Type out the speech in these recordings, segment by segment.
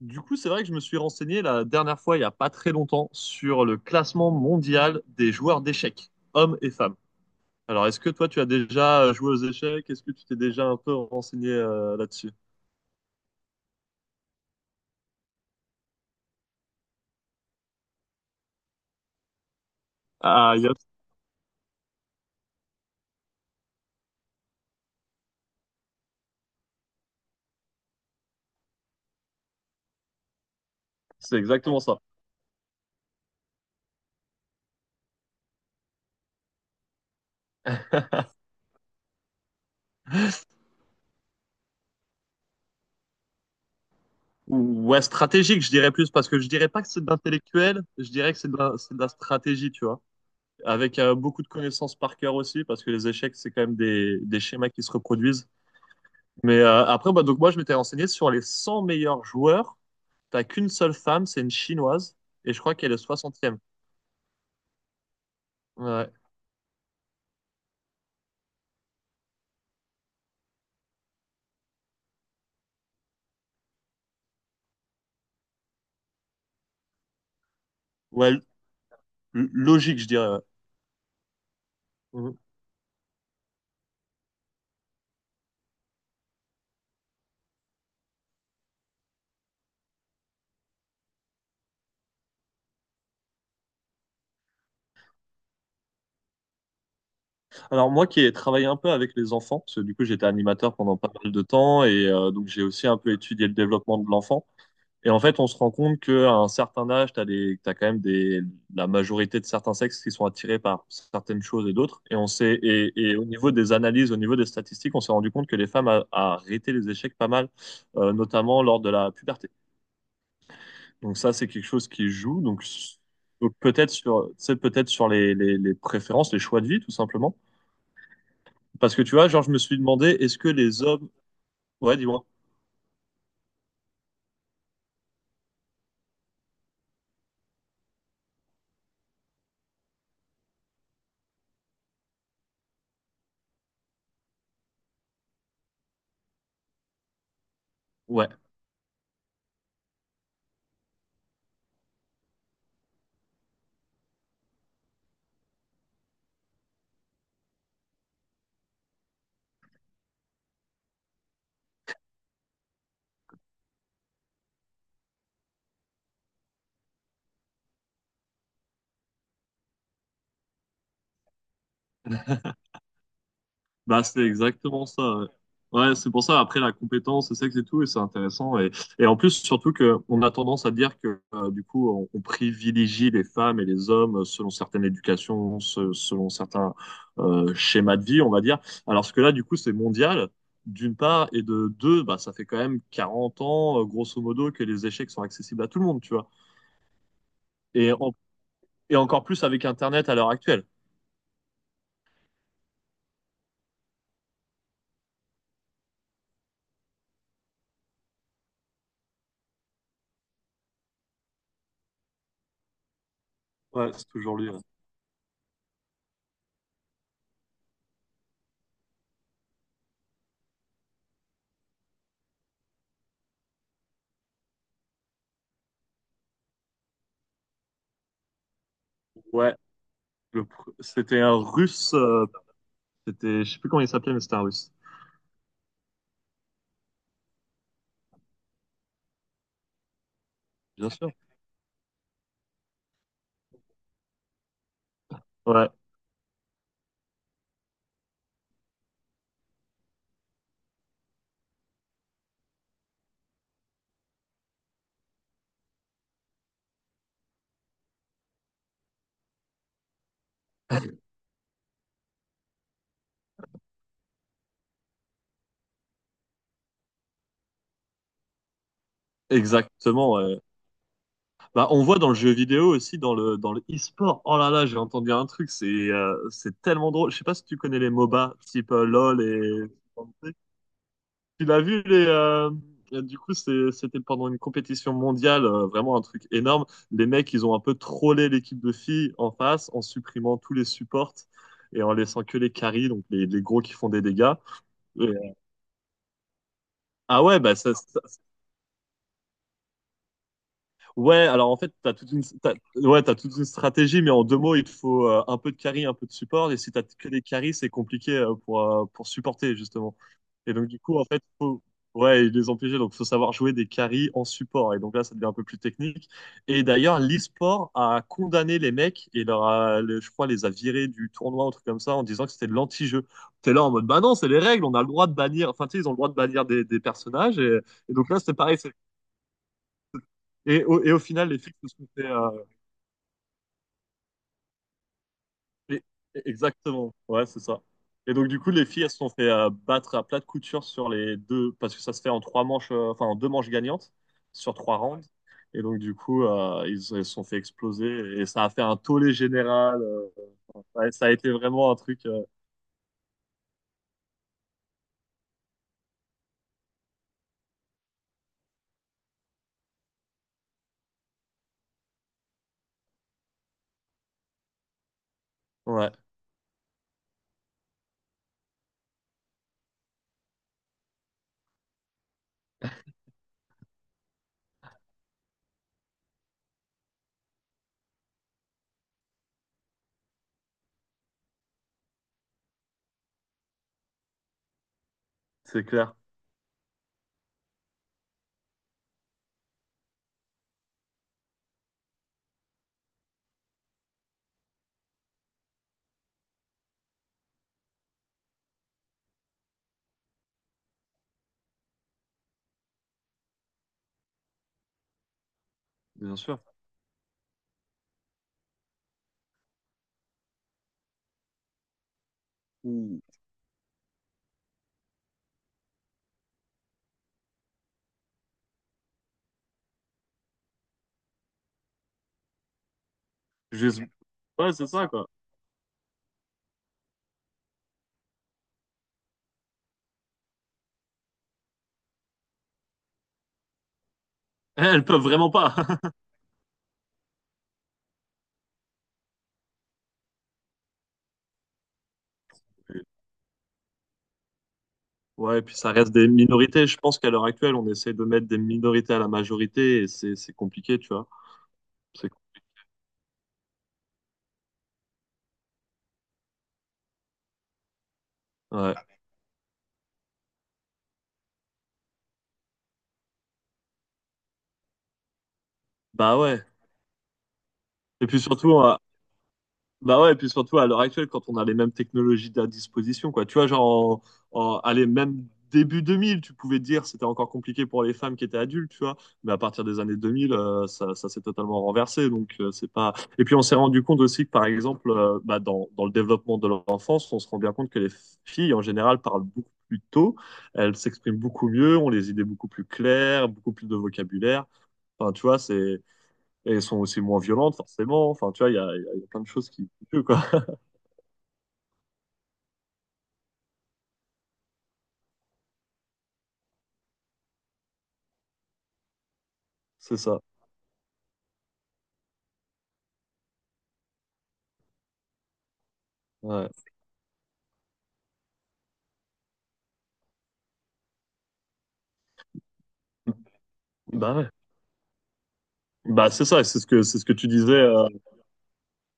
Du coup, c'est vrai que je me suis renseigné la dernière fois, il n'y a pas très longtemps, sur le classement mondial des joueurs d'échecs, hommes et femmes. Alors, est-ce que toi, tu as déjà joué aux échecs? Est-ce que tu t'es déjà un peu renseigné là-dessus? Ah, yes, c'est exactement ça. Ouais, stratégique, je dirais plus, parce que je dirais pas que c'est de l'intellectuel, je dirais que c'est de la stratégie, tu vois. Avec beaucoup de connaissances par cœur aussi, parce que les échecs, c'est quand même des schémas qui se reproduisent. Mais après, bah, donc moi, je m'étais renseigné sur les 100 meilleurs joueurs. T'as qu'une seule femme, c'est une chinoise, et je crois qu'elle est soixantième. Ouais, ouais, logique, je dirais. Ouais. Mhm. Alors moi qui ai travaillé un peu avec les enfants, parce que du coup j'étais animateur pendant pas mal de temps, et donc j'ai aussi un peu étudié le développement de l'enfant. Et en fait, on se rend compte qu'à un certain âge, t'as des, t'as quand même des, la majorité de certains sexes qui sont attirés par certaines choses et d'autres. Et on sait, et au niveau des analyses, au niveau des statistiques, on s'est rendu compte que les femmes arrêtaient les échecs pas mal, notamment lors de la puberté. Donc ça, c'est quelque chose qui joue. Donc, peut-être sur, c'est peut-être sur les préférences, les choix de vie, tout simplement. Parce que tu vois, genre, je me suis demandé, est-ce que les hommes... Ouais, dis-moi. Ouais. Bah, c'est exactement ça. Ouais, ouais, c'est pour ça, après, la compétence, le sexe et tout, et c'est intéressant. Et en plus, surtout que on a tendance à dire que, du coup, on privilégie les femmes et les hommes selon certaines éducations, selon certains schémas de vie, on va dire. Alors ce que là, du coup, c'est mondial, d'une part, et de deux, bah, ça fait quand même 40 ans, grosso modo, que les échecs sont accessibles à tout le monde, tu vois. Et, en- et encore plus avec Internet à l'heure actuelle. Ouais, c'est toujours lui. Ouais, ouais, c'était un Russe. C'était, je sais plus comment il s'appelait, mais c'était un Russe. Bien sûr. Ouais, exactement. Ouais. Bah, on voit dans le jeu vidéo aussi, dans le e-sport. Oh là là, j'ai entendu un truc, c'est tellement drôle. Je sais pas si tu connais les MOBA, type LOL et. Tu l'as vu, les. Du coup, c'était pendant une compétition mondiale, vraiment un truc énorme. Les mecs, ils ont un peu trollé l'équipe de filles en face en supprimant tous les supports et en laissant que les carries, donc les gros qui font des dégâts. Et, euh, ah ouais, bah ça. Ouais, alors en fait, t'as toute une, ouais, t'as toute une stratégie, mais en deux mots, il te faut un peu de carry, un peu de support. Et si t'as que des carries, c'est compliqué pour supporter, justement. Et donc, du coup, en fait, faut, ouais, et les empêcher. Donc, faut savoir jouer des carries en support. Et donc là, ça devient un peu plus technique. Et d'ailleurs, l'e-sport a condamné les mecs et leur a, je crois, les a virés du tournoi, un truc comme ça, en disant que c'était de l'anti-jeu. T'es là en mode, bah non, c'est les règles, on a le droit de bannir, enfin, tu sais, ils ont le droit de bannir des personnages. Et donc là, c'était pareil. Et au final, les filles se sont fait. Et- Exactement, ouais, c'est ça. Et donc, du coup, les filles, elles se sont fait battre à plat de couture sur les deux, parce que ça se fait en 3 manches, enfin, en 2 manches gagnantes, sur 3 rounds. Et donc, du coup, ils, elles se sont fait exploser et ça a fait un tollé général. Ouais, ça a été vraiment un truc. Ouais, c'est clair, bien sûr. Ouh. Juste- Ouais, c'est ça, quoi. Eh, elles peuvent vraiment pas. Ouais, et puis ça reste des minorités. Je pense qu'à l'heure actuelle, on essaie de mettre des minorités à la majorité et c'est compliqué, tu vois. C'est ouais. Bah ouais. Et puis surtout, à... bah ouais, et puis surtout à l'heure actuelle, quand on a les mêmes technologies à disposition, quoi. Tu vois, genre, allez, même début 2000, tu pouvais dire c'était encore compliqué pour les femmes qui étaient adultes, tu vois. Mais à partir des années 2000, ça, ça s'est totalement renversé. Donc, c'est pas. Et puis, on s'est rendu compte aussi que, par exemple, bah, dans, dans le développement de l'enfance, on se rend bien compte que les filles, en général, parlent beaucoup plus tôt. Elles s'expriment beaucoup mieux, ont les idées beaucoup plus claires, beaucoup plus de vocabulaire. Enfin, tu vois, c'est et elles sont aussi moins violentes, forcément. Enfin, tu vois, il y a, il y a- il y a plein de choses qui jouent, quoi. C'est ça. Ouais. Bah ouais. Bah c'est ça, c'est ce que tu disais.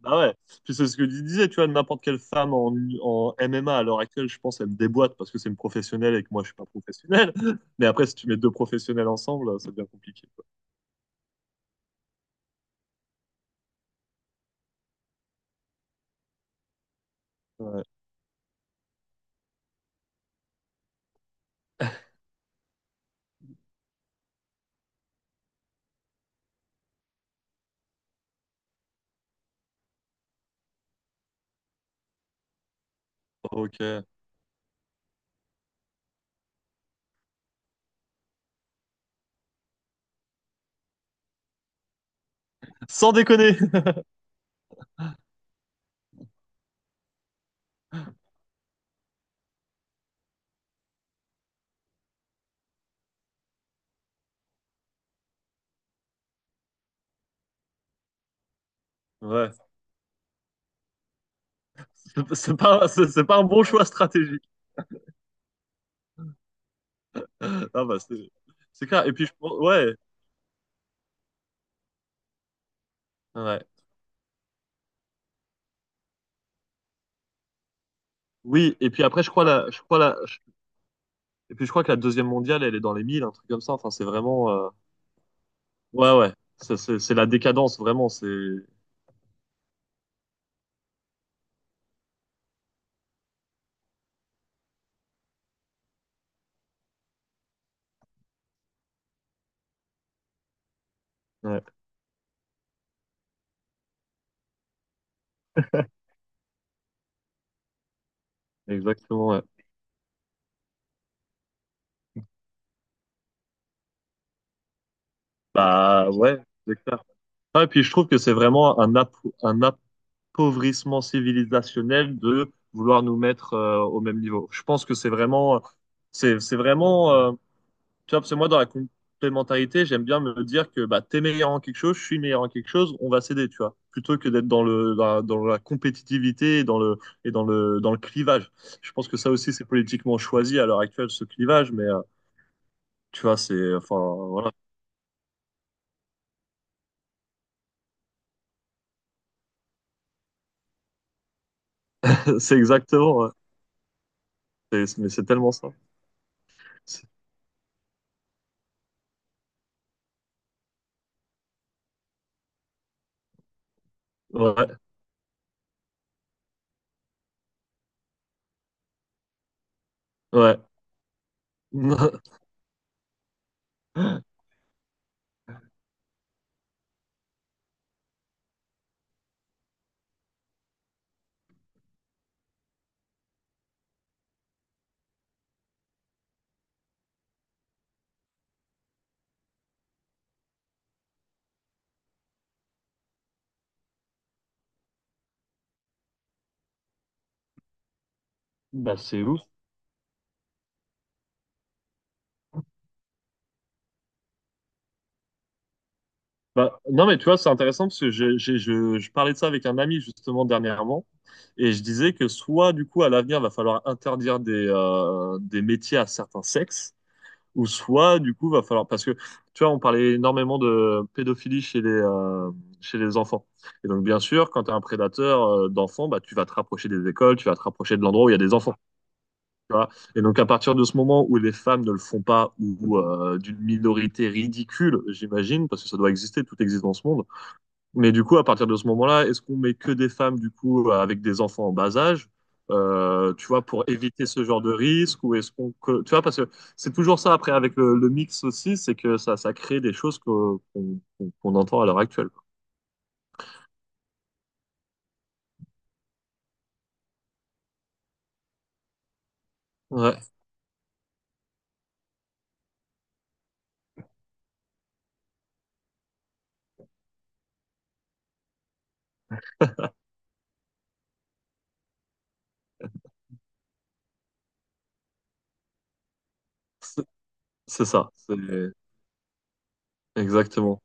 Bah ouais. Puis c'est ce que tu disais, tu vois, n'importe quelle femme en MMA à l'heure actuelle, je pense, elle me déboîte parce que c'est une professionnelle et que moi je suis pas professionnel. Mais après, si tu mets deux professionnels ensemble, ça devient compliqué, quoi. Ouais. Ok. Sans déconner. Ouais. C'est pas un bon choix stratégique. Ah bah c'est clair. Et puis ouais. Ouais. Oui. Et puis après, je crois la Et puis je crois que la deuxième mondiale, elle est dans les 1000, un truc comme ça. Enfin, c'est vraiment. Ouais, ouais. Ça, c'est la décadence, vraiment. C'est. Ouais, exactement, ouais. Bah, ouais, c'est clair. Ah, et puis je trouve que c'est vraiment un appauvrissement civilisationnel de vouloir nous mettre au même niveau. Je pense que c'est vraiment. C'est vraiment. Tu vois, parce que moi, dans la complémentarité, j'aime bien me dire que bah, t'es meilleur en quelque chose, je suis meilleur en quelque chose, on va s'aider, tu vois, plutôt que d'être dans la compétitivité et dans le clivage. Je pense que ça aussi, c'est politiquement choisi à l'heure actuelle, ce clivage, mais tu vois, c'est, enfin, voilà, c'est exactement, ouais. Mais c'est tellement ça. C'est- Ouais, ouais. Bah, c'est ouf. Bah, non, mais tu vois, c'est intéressant parce que je parlais de ça avec un ami justement dernièrement et je disais que soit du coup à l'avenir va falloir interdire des métiers à certains sexes ou soit du coup va falloir parce que tu vois, on parlait énormément de pédophilie chez chez les enfants. Et donc, bien sûr, quand tu es un prédateur d'enfants, bah, tu vas te rapprocher des écoles, tu vas te rapprocher de l'endroit où il y a des enfants. Tu vois. Et donc, à partir de ce moment où les femmes ne le font pas ou d'une minorité ridicule, j'imagine, parce que ça doit exister, tout existe dans ce monde, mais du coup, à partir de ce moment-là, est-ce qu'on met que des femmes, du coup, avec des enfants en bas âge, tu vois, pour éviter ce genre de risque, ou est-ce qu'on, tu vois, parce que c'est toujours ça après avec le mix aussi, c'est que ça crée des choses qu'on entend à l'heure actuelle. Quoi. Ouais, c'est c'est ça, c'est exactement.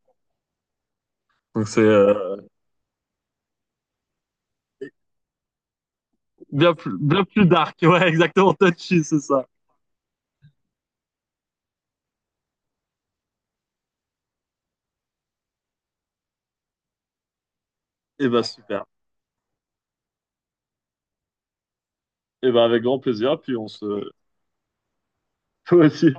Donc c'est bien plus dark, ouais, exactement, touchy, c'est ça. Et ben super. Et ben avec grand plaisir, puis on se, toi aussi.